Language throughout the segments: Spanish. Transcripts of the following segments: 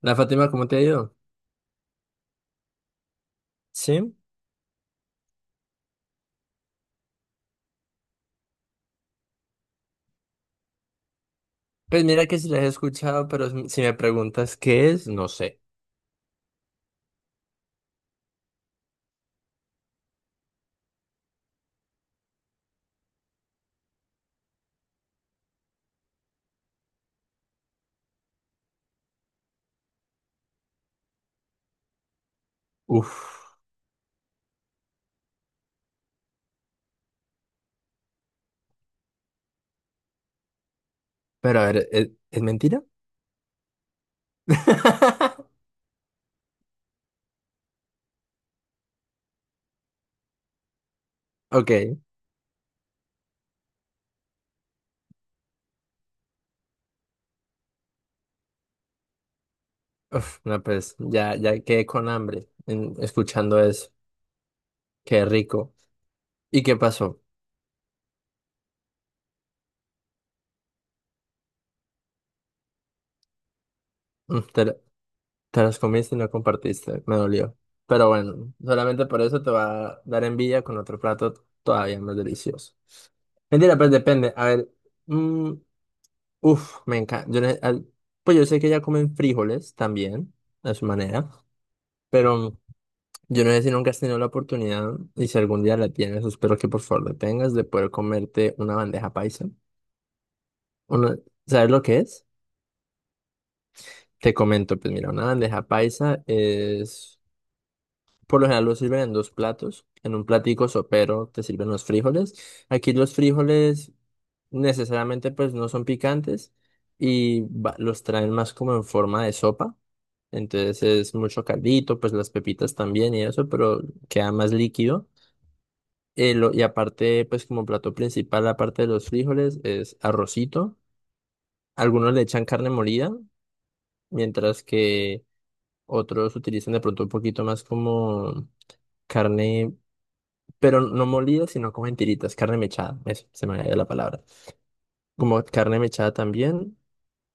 La Fátima, ¿cómo te ha ido? Sí, pues mira que sí las he escuchado, pero si me preguntas qué es, no sé. Uf, pero a ver, ¿es mentira? Ok, uf, no, pues ya, ya quedé con hambre escuchando eso. Qué rico. ¿Y qué pasó? Mm, Te, lo- Te las comiste y no compartiste, me dolió. Pero bueno, solamente por eso te va a dar envidia con otro plato todavía más delicioso. Mentira, pues depende. A ver, mm, uf, me encanta. Pues yo sé que ya comen frijoles también, a su manera, pero yo no sé si nunca has tenido la oportunidad y si algún día la tienes, espero que por favor la tengas, de poder comerte una bandeja paisa. Una- ¿Sabes lo que es? Te comento, pues mira, una bandeja paisa es, por lo general lo sirven en dos platos. En un platico sopero te sirven los frijoles. Aquí los frijoles necesariamente pues no son picantes y los traen más como en forma de sopa. Entonces es mucho caldito, pues las pepitas también y eso, pero queda más líquido. Y aparte, pues como plato principal, aparte de los frijoles, es arrocito. Algunos le echan carne molida, mientras que otros utilizan de pronto un poquito más como carne, pero no molida, sino como en tiritas, carne mechada, eso se me había ido la palabra. Como carne mechada también,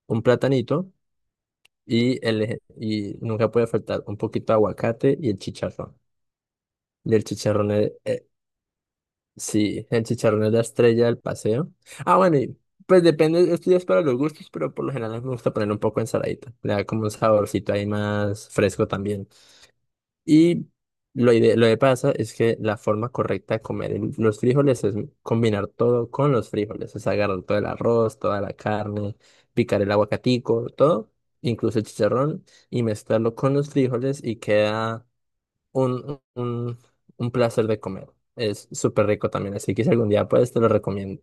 un platanito. Y nunca puede faltar un poquito de aguacate y el chicharrón. Y el chicharrón es, sí, el chicharrón es la estrella del paseo. Ah, bueno, y pues depende, esto ya es para los gustos, pero por lo general me gusta poner un poco de ensaladita. Le da como un saborcito ahí más fresco también. Y lo que pasa es que la forma correcta de comer los frijoles es combinar todo con los frijoles. Es agarrar todo el arroz, toda la carne, picar el aguacatico, todo, incluso el chicharrón, y mezclarlo con los frijoles y queda un, un, un placer de comer. Es súper rico también, así que si algún día puedes, te lo recomiendo.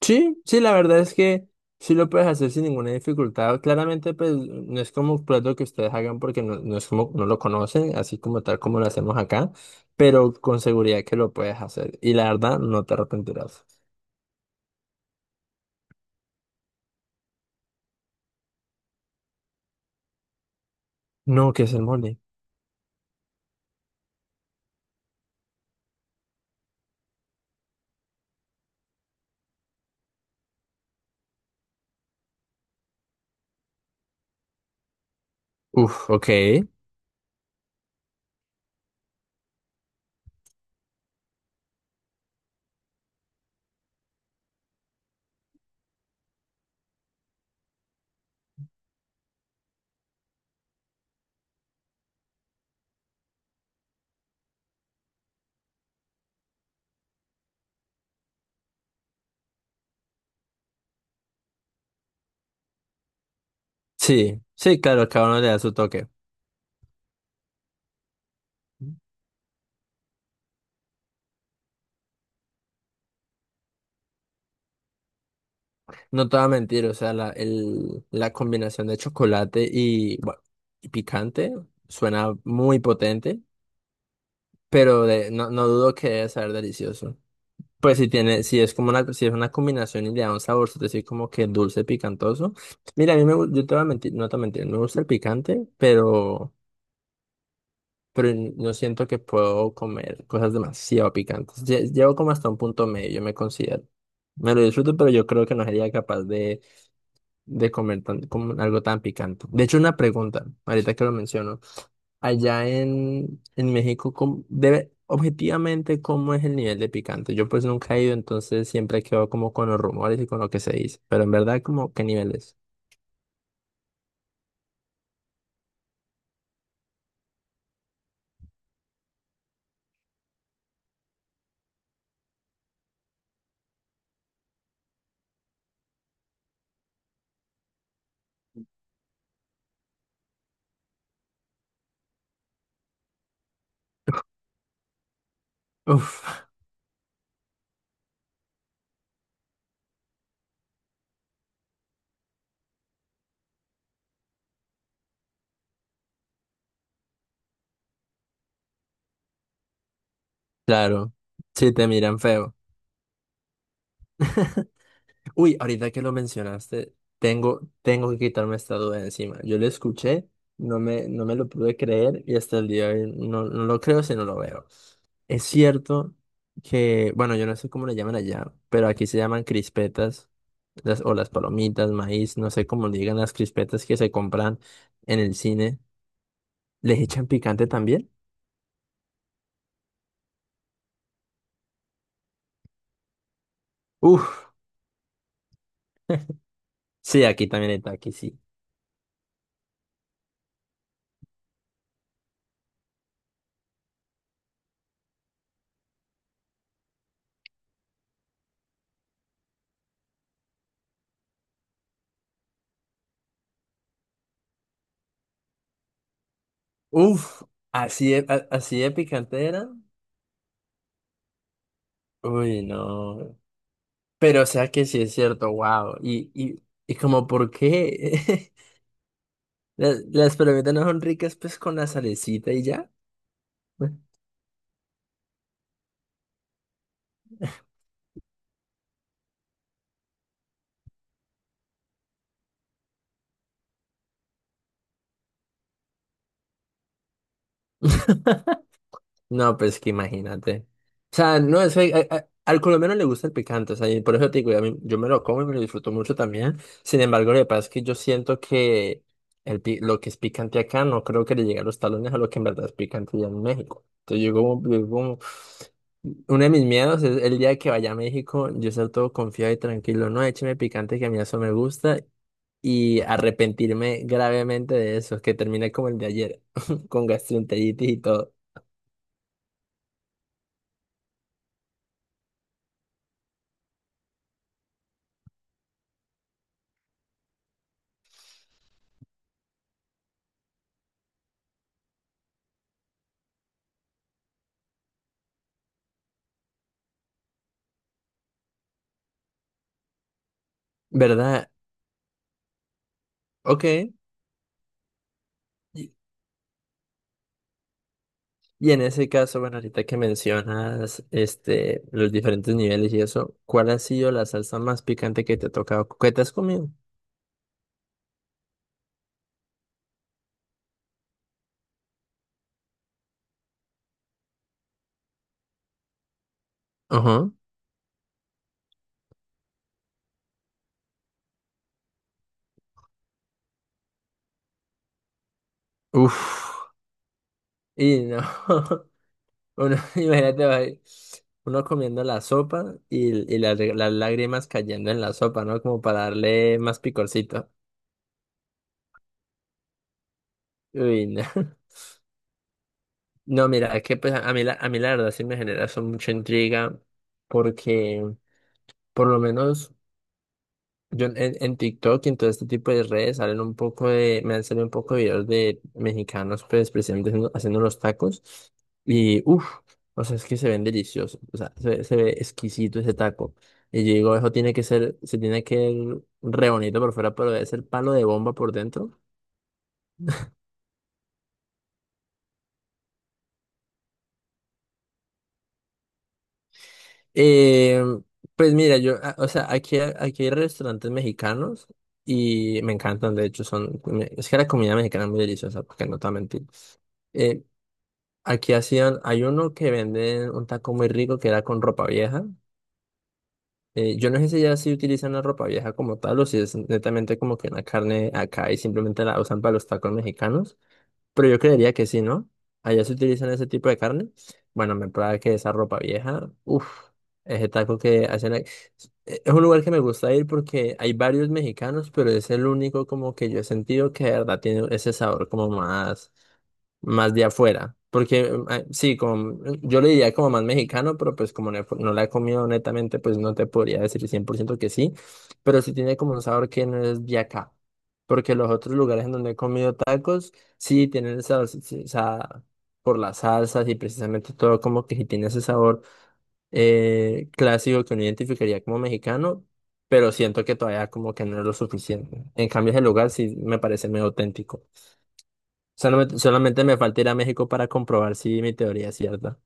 Sí, sí, la verdad es que sí lo puedes hacer sin ninguna dificultad. Claramente, pues no es como un plato que ustedes hagan porque no, no es como no lo conocen, así como tal como lo hacemos acá, pero con seguridad que lo puedes hacer. Y la verdad, no te arrepentirás. No, ¿qué es el mole? Uf, ok. Sí, sí, claro, cada uno le da su toque. No te voy a mentir, o sea, la combinación de chocolate y, bueno, y picante suena muy potente, pero no, no dudo que debe saber delicioso. Pues si tiene, si es como una, si es una combinación y le da un sabor, es decir, como que dulce, picantoso. Mira, a mí me, gu- yo te voy a mentir, no te voy a mentir, me gusta el picante, pero no siento que puedo comer cosas demasiado picantes. Llevo como hasta un punto medio, yo me considero. Me lo disfruto, pero yo creo que no sería capaz de comer tan, como algo tan picante. De hecho, una pregunta, ahorita que lo menciono. Allá en México, objetivamente, ¿cómo es el nivel de picante? Yo pues nunca he ido, entonces siempre quedo como con los rumores y con lo que se dice. Pero en verdad, como, ¿qué nivel es? Uf, claro. Sí, te miran feo. Uy, ahorita que lo mencionaste, tengo, tengo que quitarme esta duda de encima. Yo lo escuché, no me, no me lo pude creer y hasta el día de hoy no, no lo creo si no lo veo. Es cierto que, bueno, yo no sé cómo le llaman allá, pero aquí se llaman crispetas las, o las palomitas, maíz, no sé cómo le digan las crispetas que se compran en el cine. ¿Les echan picante también? Uf, sí, aquí también está, aquí sí. Uf, así de picante era. Uy, no. Pero o sea que sí es cierto, wow. Y como por qué las palomitas no son ricas pues con la salecita y ya. No, pues que imagínate. O sea, no, es que al colombiano le gusta el picante, o sea, y por eso te digo, yo me lo como y me lo disfruto mucho también. Sin embargo, lo que pasa es que yo siento que lo que es picante acá no creo que le llegue a los talones a lo que en verdad es picante ya en México. Entonces uno de mis miedos es el día que vaya a México, yo ser todo confiado y tranquilo, no, écheme picante que a mí eso me gusta y arrepentirme gravemente de eso, que termine como el de ayer, con gastroenteritis y todo. ¿Verdad? Ok. Y y en ese caso, bueno, ahorita que mencionas este, los diferentes niveles y eso, ¿cuál ha sido la salsa más picante que te ha tocado, que te has comido? Ajá. Uf. Y no. Uno, imagínate, va ahí, uno comiendo la sopa y, las lágrimas cayendo en la sopa, ¿no? Como para darle más picorcito. Uy, no. No, mira, es que pues a mí la verdad sí me genera eso mucha intriga porque por lo menos yo en TikTok y en todo este tipo de redes salen un poco de, me han salido un poco de videos de mexicanos, pues precisamente haciendo, haciendo los tacos. Y uff, o sea, es que se ven deliciosos, o sea, se ve exquisito ese taco. Y yo digo, eso tiene que ser, se tiene que ver re bonito por fuera, pero debe ser palo de bomba por dentro. Eh, pues mira, o sea, aquí, aquí hay restaurantes mexicanos y me encantan, de hecho, son, es que la comida mexicana es muy deliciosa, porque no te voy a mentir. Eh, Aquí hacían, hay uno que venden un taco muy rico que era con ropa vieja. Yo no sé si ya sí utilizan la ropa vieja como tal o si es netamente como que una carne acá y simplemente la usan para los tacos mexicanos, pero yo creería que sí, ¿no? Allá se utilizan ese tipo de carne. Bueno, me prueba que esa ropa vieja, uff, ese taco que hacen ahí. Es un lugar que me gusta ir porque hay varios mexicanos, pero es el único como que yo he sentido que de verdad tiene ese sabor como más más de afuera. Porque sí, como, mm, yo le diría como más mexicano, pero pues como no, no la he comido netamente, pues no te podría decir 100% que sí, pero sí tiene como un sabor que no es de acá. Porque los otros lugares en donde he comido tacos, sí tienen esa, esa por las salsas y precisamente todo como que sí tiene ese sabor clásico que uno identificaría como mexicano, pero siento que todavía como que no es lo suficiente. En cambio, ese lugar sí me parece medio auténtico. Solamente, solamente me falta ir a México para comprobar si mi teoría es cierta.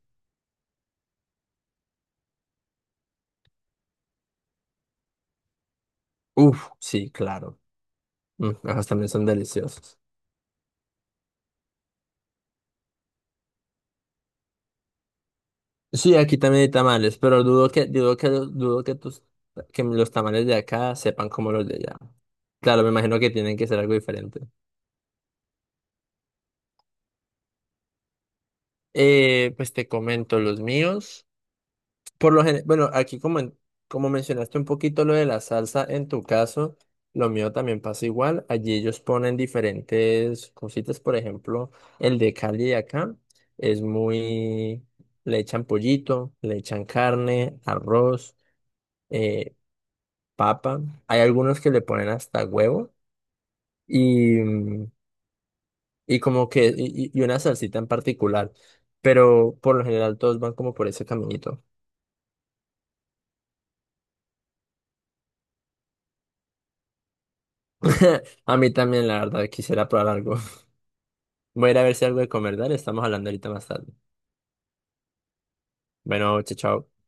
Uf, sí, claro. Mm, ajos también son deliciosos. Sí, aquí también hay tamales, pero dudo que tus, que los tamales de acá sepan como los de allá. Claro, me imagino que tienen que ser algo diferente. Pues te comento los míos. Bueno, aquí como, como mencionaste un poquito lo de la salsa, en tu caso, lo mío también pasa igual. Allí ellos ponen diferentes cositas, por ejemplo, el de Cali de acá es muy, le echan pollito, le echan carne, arroz, eh, papa. Hay algunos que le ponen hasta huevo y, mm, y como que, y una salsita en particular. Pero por lo general todos van como por ese caminito. A mí también, la verdad, quisiera probar algo. Voy a ir a ver si hay algo de comer, dale, estamos hablando ahorita más tarde. Bueno, chao, chao.